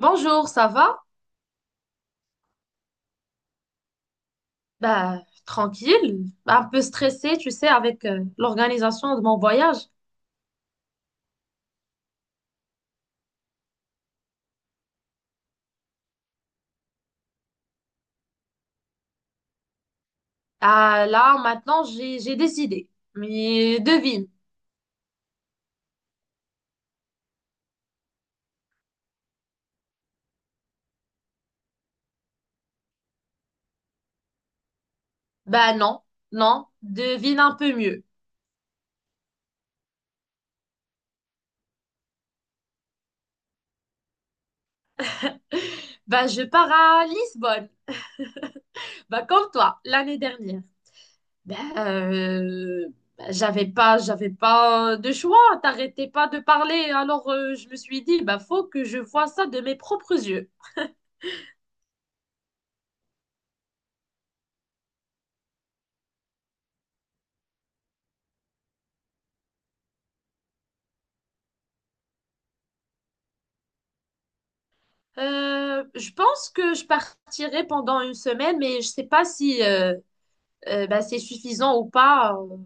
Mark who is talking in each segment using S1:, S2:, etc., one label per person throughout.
S1: Bonjour, ça va? Ben, tranquille, un peu stressée, tu sais, avec l'organisation de mon voyage. Ah, là, maintenant, j'ai des idées. Mais devine. Ben non, non, devine un peu mieux. Ben, je pars à Lisbonne. Ben, comme toi, l'année dernière. Ben, j'avais pas de choix. T'arrêtais pas de parler. Alors, je me suis dit, ben, faut que je vois ça de mes propres yeux. Je pense que je partirai pendant une semaine, mais je sais pas si bah, c'est suffisant ou pas,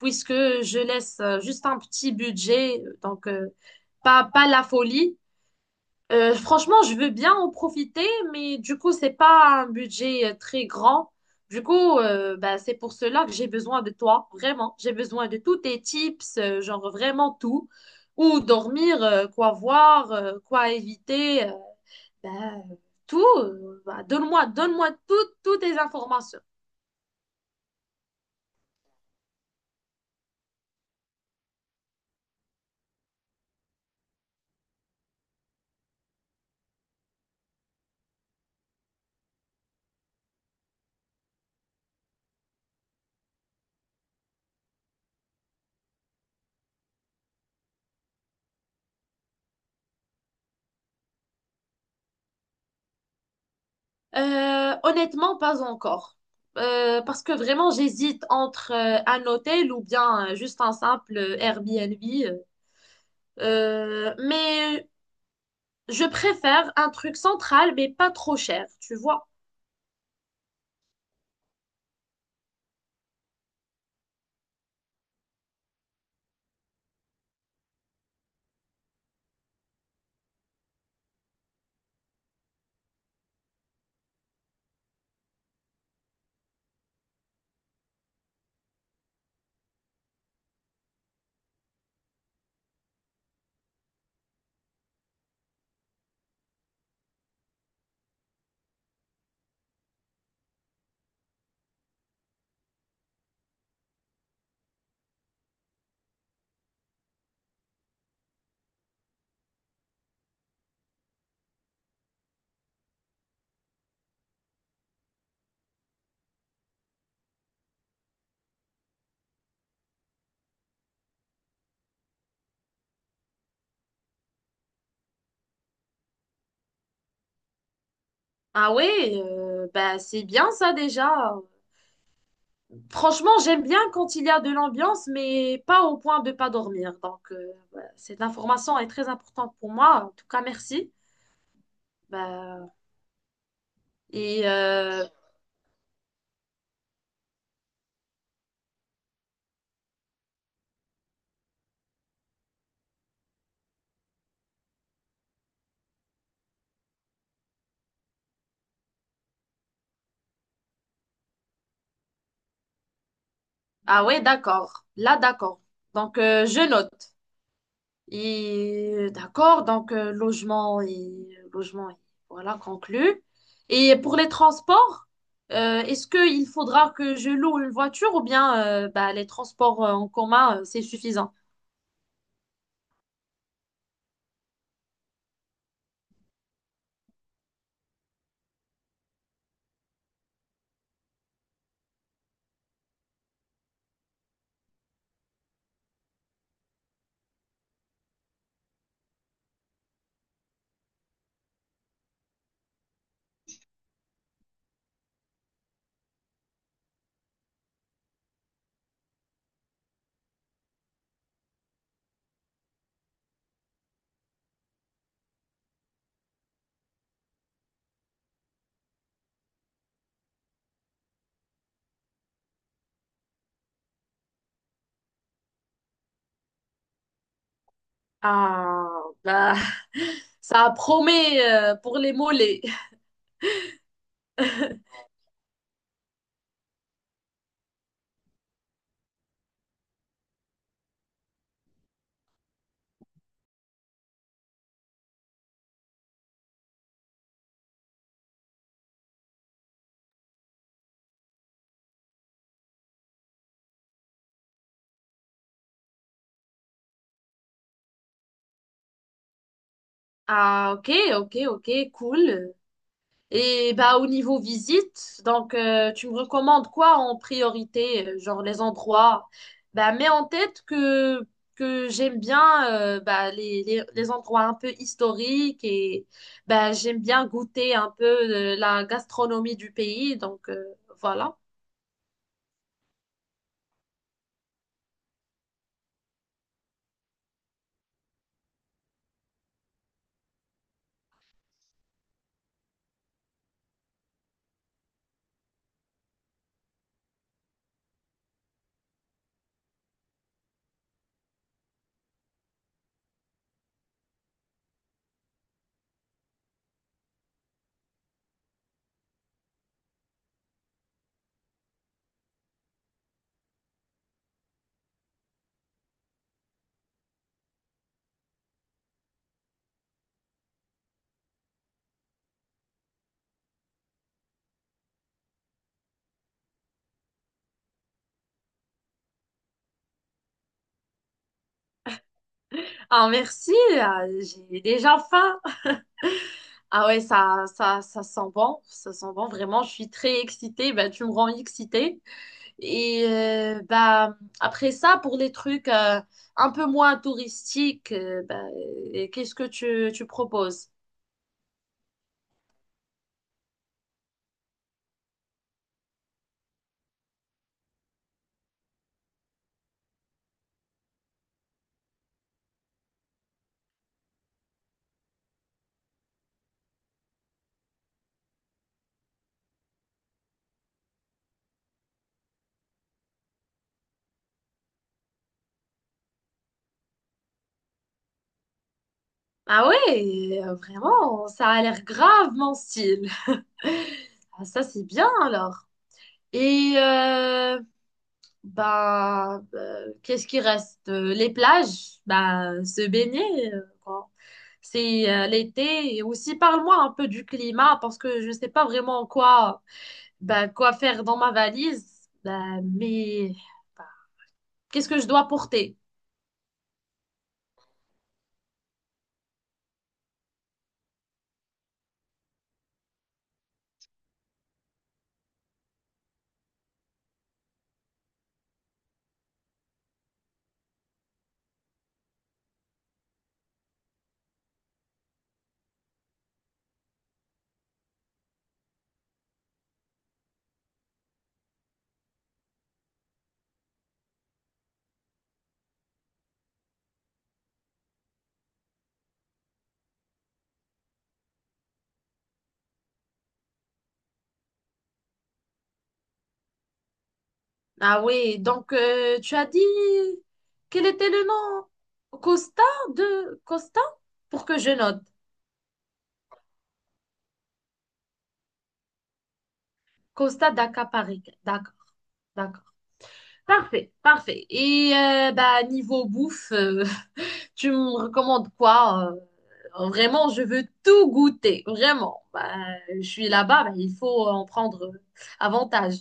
S1: puisque je laisse juste un petit budget, donc pas, pas la folie. Franchement, je veux bien en profiter, mais du coup, c'est pas un budget très grand. Du coup, bah, c'est pour cela que j'ai besoin de toi, vraiment. J'ai besoin de tous tes tips, genre vraiment tout. Où dormir, quoi voir, quoi éviter. Ben, Tout, bah, donne-moi, donne-moi toutes, toutes les informations. Honnêtement, pas encore. Parce que vraiment, j'hésite entre un hôtel ou bien juste un simple Airbnb. Euh, mais je préfère un truc central, mais pas trop cher, tu vois. Ah ouais, bah, c'est bien ça déjà. Franchement, j'aime bien quand il y a de l'ambiance, mais pas au point de pas dormir. Donc, voilà, cette information est très importante pour moi. En tout cas, merci. Bah, et euh, ah ouais, d'accord. Là, d'accord. Donc, je note. Et d'accord, donc logement et logement, et voilà, conclu. Et pour les transports, est-ce qu'il faudra que je loue une voiture ou bien bah, les transports en commun, c'est suffisant? Ah, bah, ça promet pour les mollets. Ah, ok, ok, ok, cool. Et bah, au niveau visite, donc tu me recommandes quoi en priorité, genre les endroits? Bah, mets en tête que j'aime bien bah, les endroits un peu historiques et bah, j'aime bien goûter un peu la gastronomie du pays. Donc voilà. Ah merci, ah, j'ai déjà faim. Ah ouais, ça, ça sent bon, vraiment, je suis très excitée. Bah, tu me rends excitée. Et bah, après ça, pour les trucs un peu moins touristiques, bah, qu'est-ce que tu proposes? Ah ouais, vraiment, ça a l'air grave mon style. Ah, ça, c'est bien alors. Et qu'est-ce qui reste? Les plages, bah, se baigner, quoi. C'est l'été. Et aussi, parle-moi un peu du climat parce que je ne sais pas vraiment en quoi. Bah, quoi faire dans ma valise? Bah, mais bah, qu'est-ce que je dois porter? Ah oui, donc tu as dit quel était le nom? Costa de Costa? Pour que je note. Costa d'Aca Paris. D'accord, d'accord. Parfait, parfait. Et bah, niveau bouffe, tu me recommandes quoi? Vraiment, je veux tout goûter. Vraiment. Bah, je suis là-bas, bah, il faut en prendre avantage.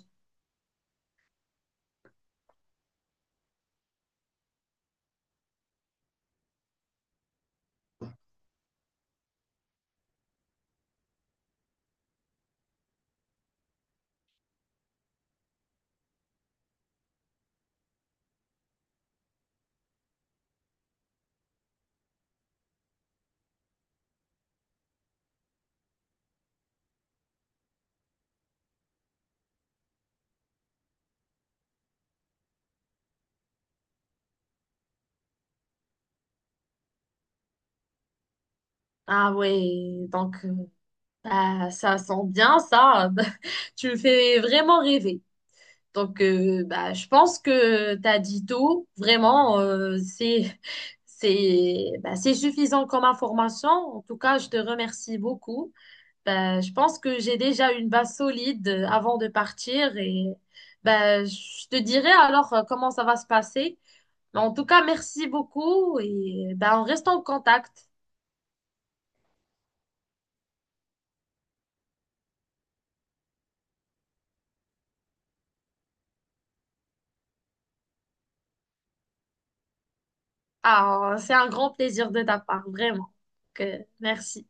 S1: Ah oui, donc. Bah, ça sent bien ça. Tu me fais vraiment rêver. Donc, bah, je pense que t'as dit tout. Vraiment, c'est, bah, c'est suffisant comme information. En tout cas, je te remercie beaucoup. Bah, je pense que j'ai déjà une base solide avant de partir et bah, je te dirai alors comment ça va se passer. Mais en tout cas, merci beaucoup et bah, on reste en contact. Ah, c'est un grand plaisir de ta part, vraiment. Que, merci.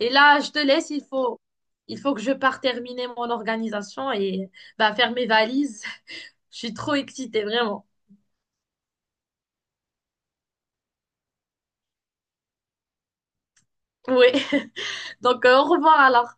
S1: Et là, je te laisse, il faut que je parte terminer mon organisation et bah, faire mes valises. Je suis trop excitée, vraiment. Oui. Donc, au revoir alors.